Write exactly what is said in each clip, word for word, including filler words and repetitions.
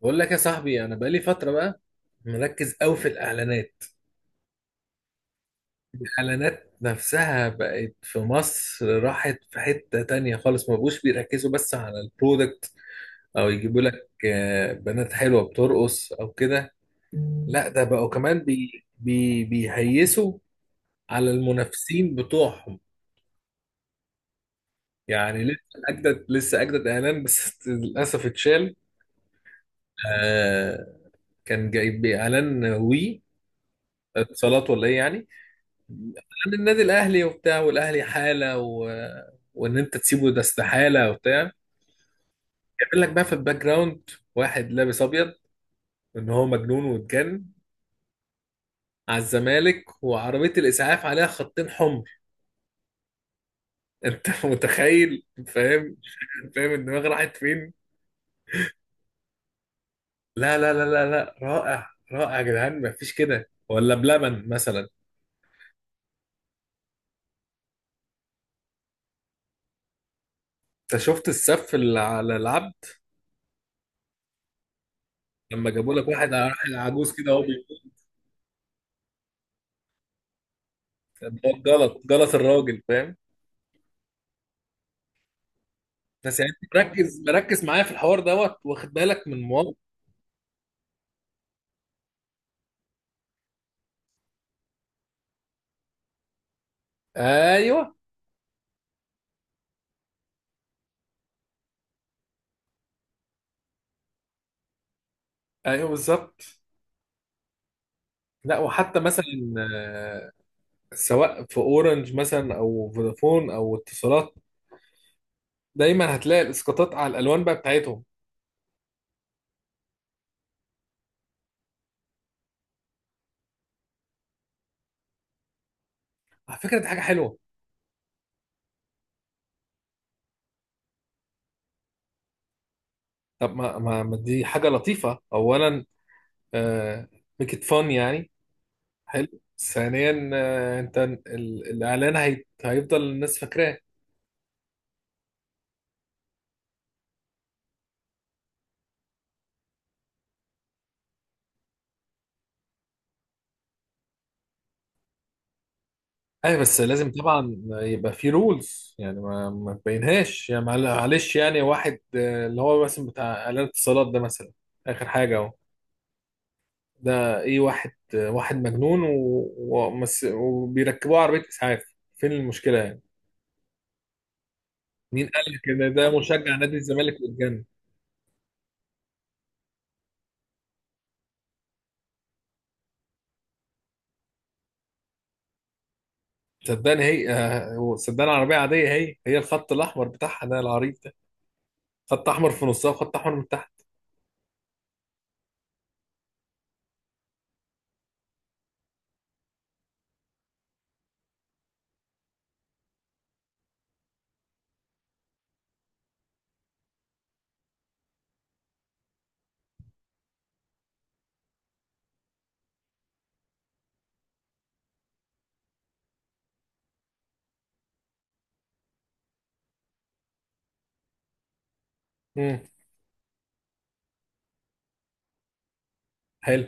بقول لك يا صاحبي، انا بقالي فتره بقى مركز قوي في الاعلانات. الاعلانات نفسها بقت في مصر راحت في حته تانية خالص، ما بقوش بيركزوا بس على البرودكت او يجيبوا لك آه، بنات حلوه بترقص او كده. لا ده بقوا كمان بي بي بيهيسوا على المنافسين بتوعهم. يعني لسه اجدد لسه اجدد اعلان بس للاسف اتشال. آه، كان جايب اعلان وي اتصالات ولا ايه يعني، عن النادي الاهلي وبتاع، والاهلي حاله و... وان انت تسيبه ده استحاله وبتاع، يعمل لك بقى في الباك جراوند واحد لابس ابيض ان هو مجنون واتجن على الزمالك، وعربيه الاسعاف عليها خطين حمر. انت متخيل؟ فاهم؟ فاهم الدماغ راحت فين؟ لا لا لا لا لا، رائع رائع يا جدعان. مفيش كده ولا بلبن مثلا؟ انت شفت السف اللي على العبد لما جابوا لك واحد راح عجوز كده وهو بيموت؟ ده غلط غلط الراجل، فاهم؟ بس يعني انت مركز مركز معايا في الحوار دوت؟ واخد بالك من مواقف؟ ايوه، ايوه بالظبط. لا وحتى مثلا آه، سواء في اورنج مثلا او فودافون او اتصالات، دايما هتلاقي الاسقاطات على الالوان بقى بتاعتهم. على فكره دي حاجه حلوه. طب ما ما ما دي حاجه لطيفه اولا، ميك ات فن يعني، حلو ثانيا. آه، انت ال- الاعلان هي- هيفضل الناس فاكراه. ايوه بس لازم طبعا يبقى في رولز يعني، ما ما تبينهاش يعني، معل- معلش يعني واحد، آه، اللي هو مثلا بتاع اعلان اتصالات ده مثلا، اخر حاجه اهو، ده ايه؟ واحد، آه، واحد مجنون و... ومس... وبيركبوه عربيه اسعاف. فين المشكله يعني؟ مين قال لك ان ده مشجع نادي الزمالك والجنة؟ صدقني هي، آه، صدقني عربيه عاديه. هي هي الخط الاحمر بتاعها ده العريض ده، خط احمر في نصها وخط احمر من تحت. امم حلو.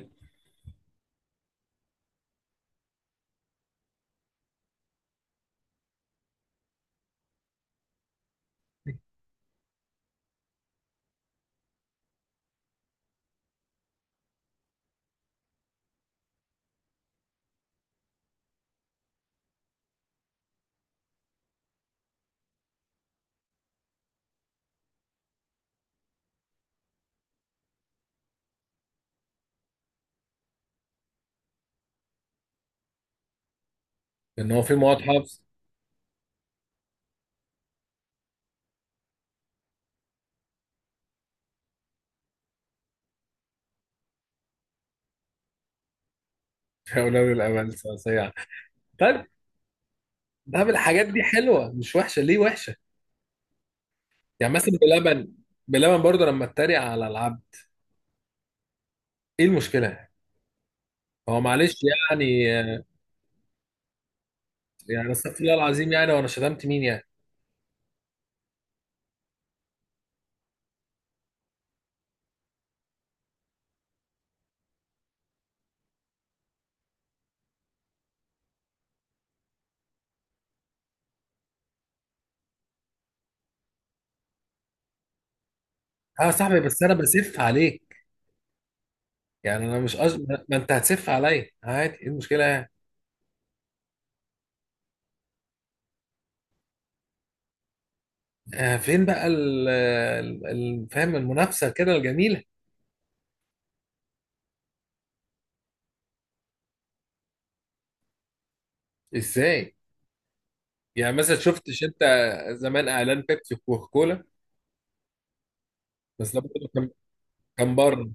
ان هو في مواد حفظ لا حول ولا قوه الا بالله. ده بالحاجات دي حلوه مش وحشه، ليه وحشه؟ يعني مثلا بلبن، بلبن برضه لما اتريق على العبد، ايه المشكله؟ هو معلش يعني، يعني استغفر الله العظيم يعني، وانا شتمت مين يعني؟ اه يا صاحبي بس انا بسف عليك. يعني انا مش أج... ما انت هتسف عليا عادي، ايه المشكله يعني؟ آه فين بقى ال... ال... ال- فاهم المنافسه كده الجميله؟ ازاي؟ يعني مثلا شفتش انت زمان اعلان بيبسي وكوكا كولا؟ بس ده برضه كان، كان بره.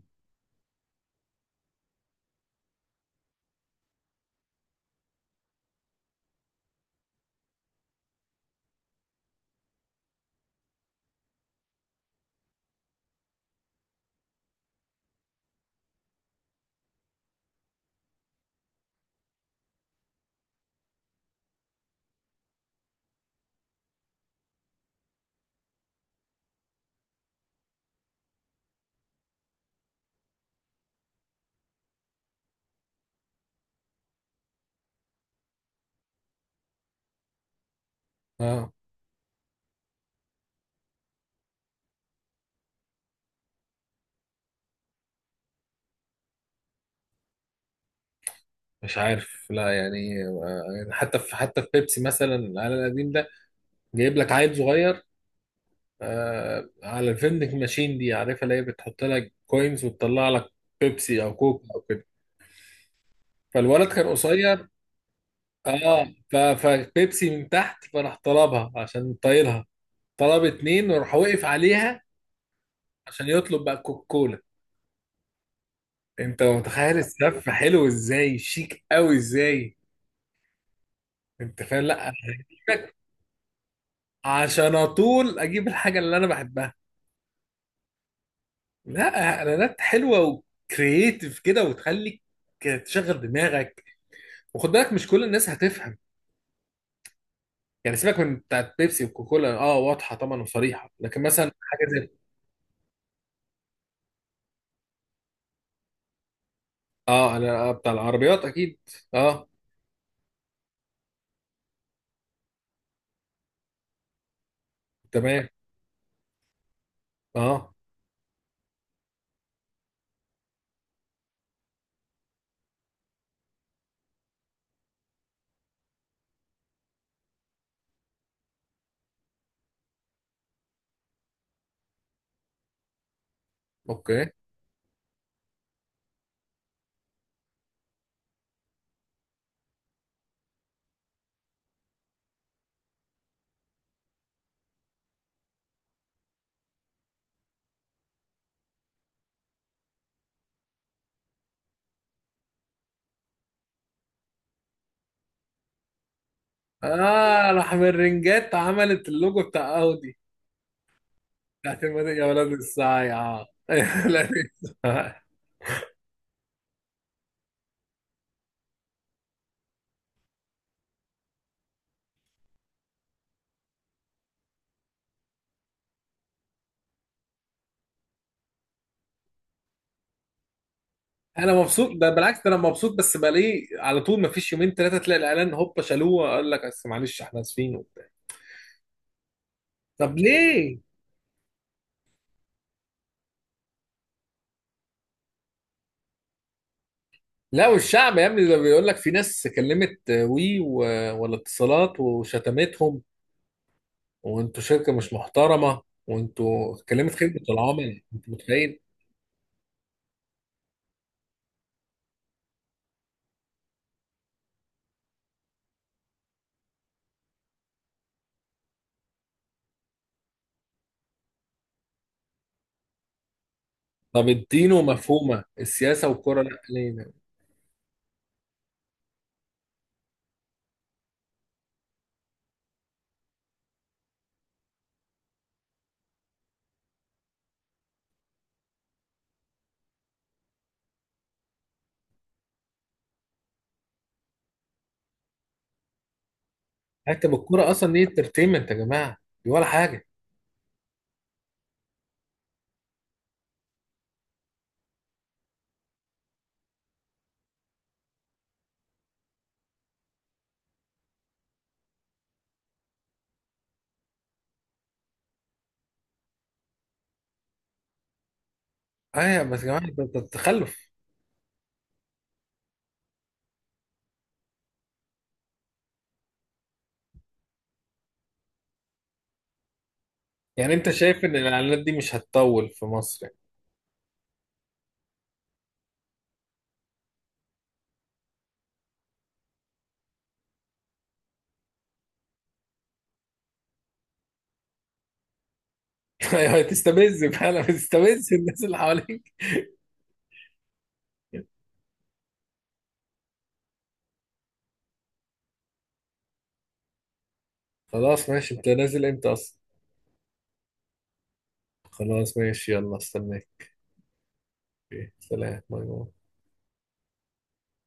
اه مش عارف، لا يعني آه، يعني حتى في حتى في بيبسي مثلا، العلب القديم ده، جايب لك عيل صغير آه، على الفندنج ماشين دي، عارفها اللي هي بتحط لك كوينز وتطلع لك بيبسي او كوكا او كده. فالولد كان قصير. اه ف- فبيبسي من تحت، فراح طلبها عشان طايلها. طلب اتنين وراح وقف عليها عشان يطلب بقى كوكا كولا. انت متخيل السف حلو ازاي؟ شيك قوي ازاي؟ انت فاهم؟ لا أنا هجيبك، عشان اطول اجيب الحاجه اللي انا بحبها. لا اعلانات حلوه وكرييتيف كده، وتخليك تشغل دماغك. وخد بالك مش كل الناس هتفهم. يعني سيبك من بتاعت بيبسي وكوكولا، اه واضحه طبعا وصريحه، لكن مثلا حاجه زي، اه انا آه، بتاع العربيات اكيد. اه، تمام، اه، اوكي، اه راح من رنجات عملت اللوجو بتاع اودي. بتاعت المدن يا ولاد الساعه لا، انا مبسوط ده بالعكس ده انا مبسوط، بس بلاقيه على طول ما فيش يومين ثلاثه تلاقي الاعلان هوبا شالوه، قال لك بس معلش احنا اسفين. طب ليه؟ لا والشعب يا ابني ده، بيقول لك في ناس كلمت وي و... ولا اتصالات وشتمتهم، وانتوا شركة مش محترمة، وانتوا كلمت خدمة العملاء، انت متخيل؟ طب الدين ومفهومة، السياسة والكرة لا ليه؟ حتى بالكرة اصلا دي انترتينمنت يا جماعة، دي ولا حاجة. ايوه بس يا جماعة ده ده تخلف. يعني انت شايف ان الاعلانات دي مش هتطول في مصر؟ يعني هتستفز فعلا، بتستفز الناس اللي حواليك. خلاص ماشي، انت نازل امتى اصلا؟ خلاص ماشي، يلا استناك. أوكي. سلام، باي باي.